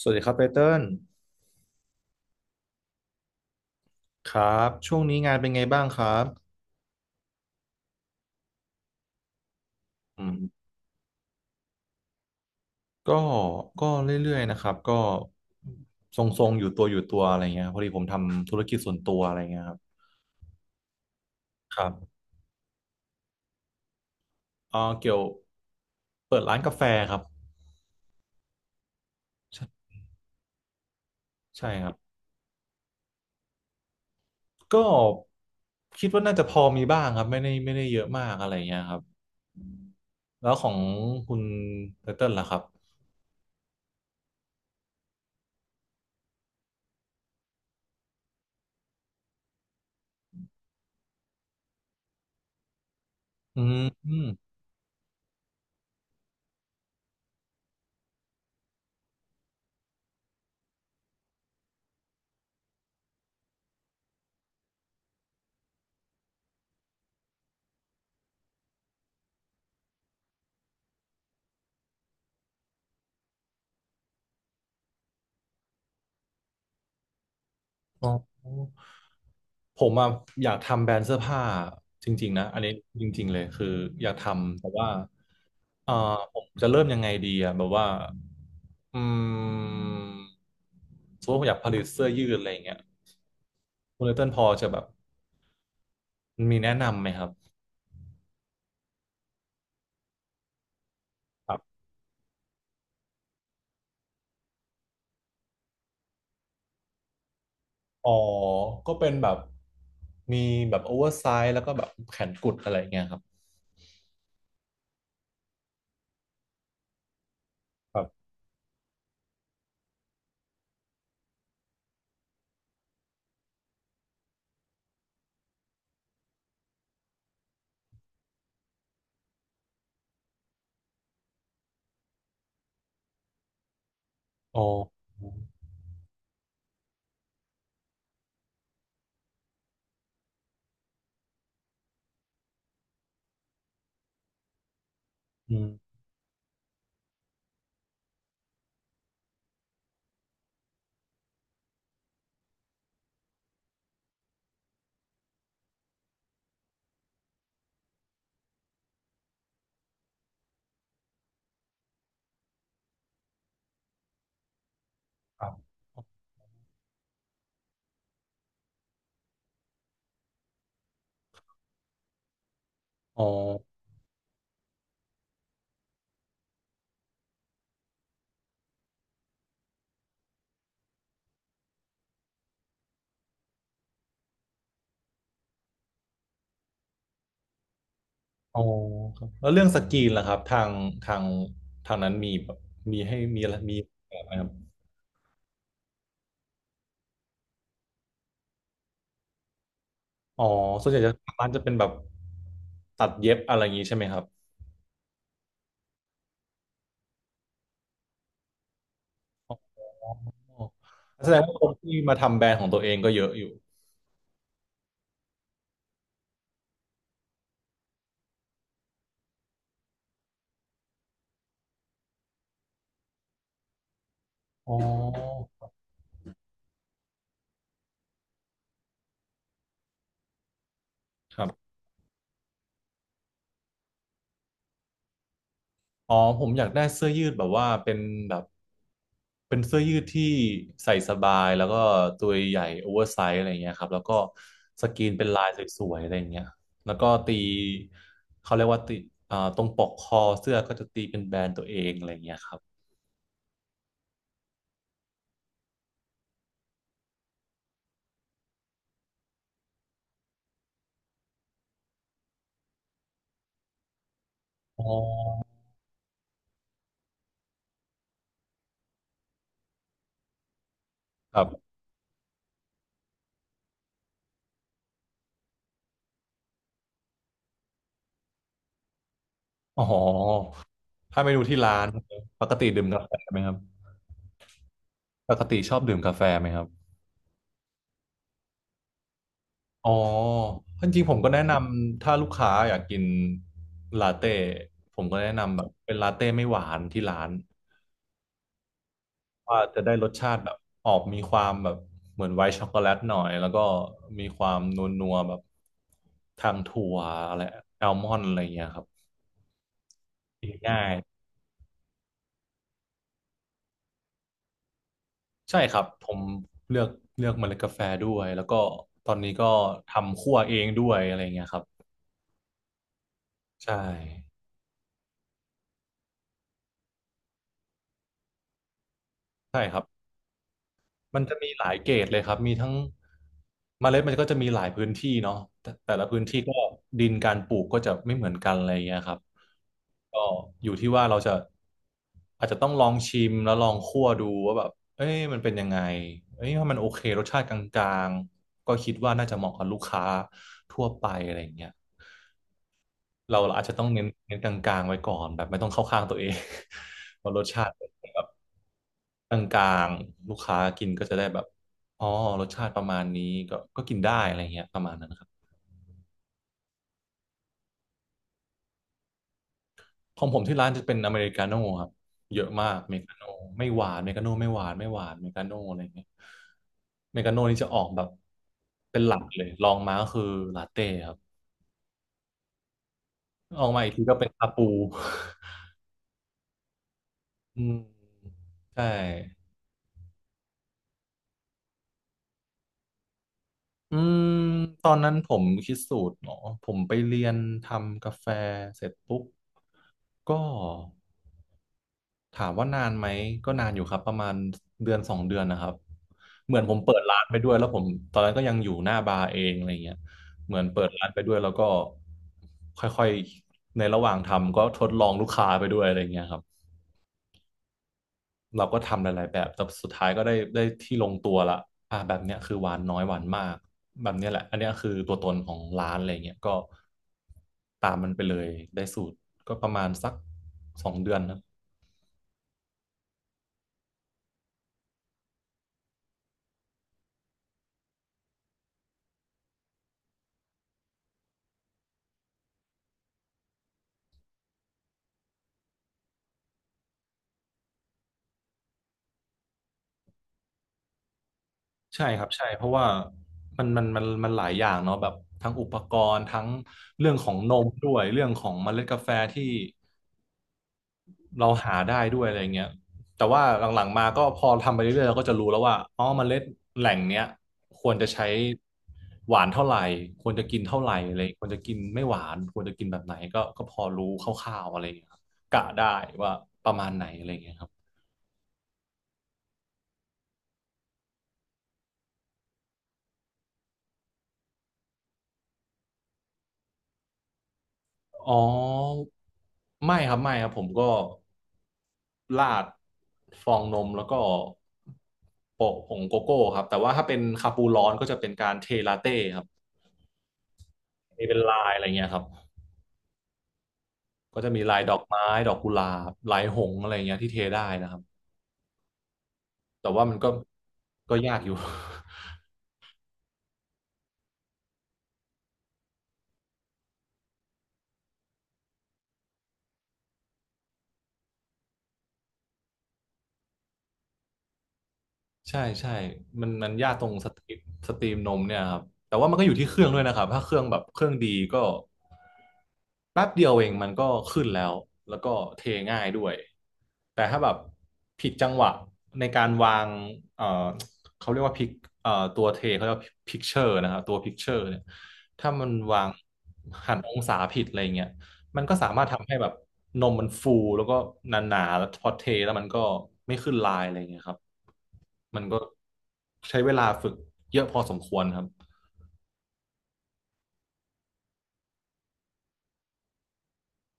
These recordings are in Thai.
สวัสดีครับไตเติ้ลครับช่วงนี้งานเป็นไงบ้างครับอืมก็เรื่อยๆนะครับก็ทรงๆอยู่ตัวอะไรเงี้ยครับพอดีผมทำธุรกิจส่วนตัวอะไรเงี้ยครับครับเกี่ยวเปิดร้านกาแฟครับใช่ใช่ครับก็คิดว่าน่าจะพอมีบ้างครับไม่ได้เยอะมากอะไรเงี้ยครับแล้วของคุณไตเติ้ลล่ะครับอืมอมอ๋อ ผมอะอยากทำแบรนด์เสื้อผ้าจริงๆนะอันนี้จริงๆเลยคืออยากทำแต่ว่าเอ่อผมจะเริ่มยังไงดีอะแบบว่าอืมสมมติว่าผมอยากผลิตเสื้อยืดอะไรอย่างเงี้ยคุณเลเติ้ลพอจะแบบมีแนะนำไหมครับครับอ๋อก็เป็นแบบมีแบบโอเวอร์ไซส์แล้วก็แบบแขนกุดอะไรอย่างเงี้ยครับแบบอ๋ออืมครับอ๋อ อ๋อครับแล้วเรื่องสกรีนล่ะครับทางทางนั้นมีแบบมีให้มีอะไรมีแบบไหมครับอ๋อส่วนใหญ่จะทางร้านจะเป็นแบบตัดเย็บอะไรอย่างนี้ใช่ไหมครับอ๋อแสดงว่าคนที่มาทำแบรนด์ของตัวเองก็เยอะอยู่อ๋อครับ อ๋อผมอยากได้เสื้อยืดแบบว่าเป็นแบบเป็นเสื้อยืดที่ใส่สบายแล้วก็ตัวใหญ่โอเวอร์ไซส์อะไรเงี้ยครับแล้วก็สกรีนเป็นลายสวยๆอะไรเงี้ยแล้วก็ตีเขาเรียกว่าตีอ่าตรงปกคอเสื้อก็จะตีเป็นแบรนด์ตัวเองอะไรเงี้ยครับอ๋อครับอ๋อถ้าเมนูที่ร้านปกติดื่มกาแฟไหมครับปกติชอบดื่มกาแฟไหมครับ อ๋อจริงๆผมก็แนะนำถ้าลูกค้าอยากกินลาเต้ผมก็แนะนำแบบเป็นลาเต้ไม่หวานที่ร้านว่าจะได้รสชาติแบบออกมีความแบบเหมือนไวท์ช็อกโกแลตหน่อยแล้วก็มีความนัวๆแบบทางถั่วอะไรแอลมอนด์อะไรอย่างเงี้ยครับกินง่ายใช่ครับผมเลือกเลือกเมล็ดกาแฟด้วยแล้วก็ตอนนี้ก็ทำคั่วเองด้วยอะไรอย่างเงี้ยครับใช่ใช่ครับ มันจะมีหลายเกรดเลยครับ มีทั้งเมล็ดมันก็จะมีหลายพื้นที่เนาะแต่แต่ละพื้นที่ก็ดินการปลูกก็จะไม่เหมือนกันอะไรอย่างเงี้ยครับ ก็อยู่ที่ว่าเราจะอาจจะต้องลองชิมแล้วลองคั่วดูว่าแบบเอ้ยมันเป็นยังไงเอ้ยถ้ามันโอเครสชาติกลางๆก็คิดว่าน่าจะเหมาะกับลูกค้าทั่วไปอะไรอย่างเงี้ย เราอาจจะต้องเน้นกลางๆไว้ก่อนแบบไม่ต้องเข้าข้างตัวเอง เพราะรสชาติเป็นแบบกลางๆลูกค้ากินก็จะได้แบบอ๋อรสชาติประมาณนี้ก็ก็กินได้อะไรเงี้ยประมาณนั้นนะครับของผมที่ร้านจะเป็นอเมริกาโน่ครับเยอะมากเมกาโน่ไม่หวานเมกาโน่ไม่หวานเมกาโน่อะไรเงี้ยเมกาโน่นี่จะออกแบบเป็นหลักเลยลองมาก็คือลาเต้ครับออกมาอีกทีก็เป็นคาปู อืมใช่ อืมตอนนั้นผมคิดสูตรเนาะผมไปเรียนทำกาแฟเสร็จปุ๊บก็ถามว่านานไหมก็นานอยู่ครับประมาณเดือนสองเดือนนะครับเหมือนผมเปิดร้านไปด้วยแล้วผมตอนนั้นก็ยังอยู่หน้าบาร์เองอะไรเงี้ยเหมือนเปิดร้านไปด้วยแล้วก็ค่อยๆในระหว่างทำก็ทดลองลูกค้าไปด้วยอะไรเงี้ยครับ เราก็ทำหลายๆแบบแต่สุดท้ายก็ได้ที่ลงตัวละอ่าแบบเนี้ยคือหวานน้อยหวานมาก แบบเนี้ยแหละอันเนี้ยคือตัวตนของร้านอะไรเงี้ยก็ตามมันไปเลยได้สูตรก็ประมาณสักสองเดือนครับใช่ครับ ใช่ เพราะว่ามันหลายอย่างเนาะแบบทั้งอุปกรณ์ทั้งเรื่องของนมด้วย เรื่องของเมล็ดกาแฟที่ เราหาได้ด้วยอะไรเงี้ยแต่ว่าหลังๆมาก็พอทำไปเรื่อยๆเราก็จะรู้แล้วว่าอ๋อเมล็ดแหล่งเนี้ยควรจะใช้หวานเท่าไหร่ควรจะกินเท่าไหร่อะไรควรจะกินไม่หวานควรจะกินแบบไหนก็ก็พอรู้คร่าวๆอะไรเงี้ยครับกะได้ว่าประมาณไหนอะไรเงี้ยครับอ๋อไม่ครับผมก็ราดฟองนมแล้วก็โปะผงโกโก้ครับแต่ว่าถ้าเป็นคาปูร้อนก็จะเป็นการเทลาเต้ครับเทเป็นลายอะไรเงี้ยครับ ก็จะมีลายดอกไม้ ดอกกุหลาบลายหงส์อะไรเงี้ยที่เทได้นะครับ แต่ว่ามันก็ก็ยากอยู่ ใช่ใช่มันยากตรงสตรีมนมเนี่ยครับแต่ว่ามันก็อยู่ที่เครื่องด้วยนะครับถ้าเครื่องแบบเครื่องดีก็แป๊บเดียวเองมันก็ขึ้นแล้วแล้วก็เทง่ายด้วยแต่ถ้าแบบผิดจังหวะในการวางเอ่อเขาเรียกว่าพิกตัวเทเขาเรียกว่าพิกเชอร์นะครับตัวพิกเชอร์เนี่ยถ้ามันวางหันองศาผิดอะไรเงี้ยมันก็สามารถทำให้แบบนมมันฟูแล้วก็หนาๆแล้วพอเทแล้วมันก็ไม่ขึ้นลายอะไรเงี้ยครับ มันก็ใช้เวลาฝึกเยอะพอสมควรครับ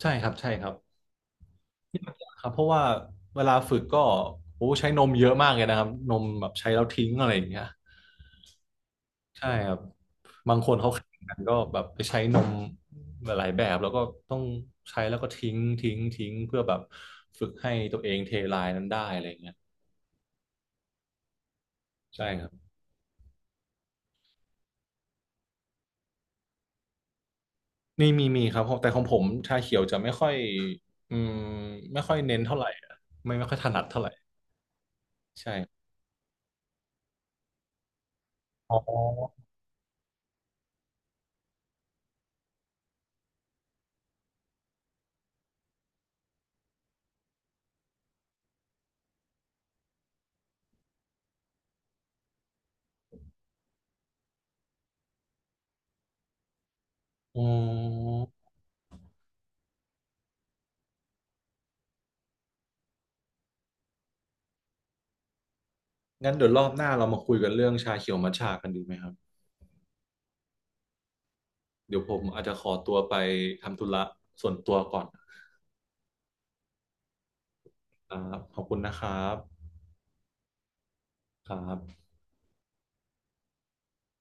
ใช่ครับใช่ครับครับเพราะว่าเวลาฝึกก็โอ้ใช้นมเยอะมากเลยนะครับนมแบบใช้แล้วทิ้งอะไรอย่างเงี้ยใช่ครับบางคนเขาแข่งกันก็แบบไปใช้นมหลายๆแบบแล้วก็ต้องใช้แล้วก็ทิ้งเพื่อแบบฝึกให้ตัวเองเทลายนั้นได้อะไรอย่างเงี้ยใช่ครับนี่มีครับแต่ของผมชาเขียวจะไม่ค่อยอืมไม่ค่อยเน้นเท่าไหร่อะไม่ค่อยถนัดเท่าไหร่ใช่อ๋อ อืมงั้นเดี๋ยวรอบหน้าเรามาคุยกันเรื่องชาเขียวมัทฉะกันดีไหมครับ เดี๋ยวผมอาจจะขอตัวไปทำธุระส่วนตัวก่อนนะครับขอบคุณนะครับครับ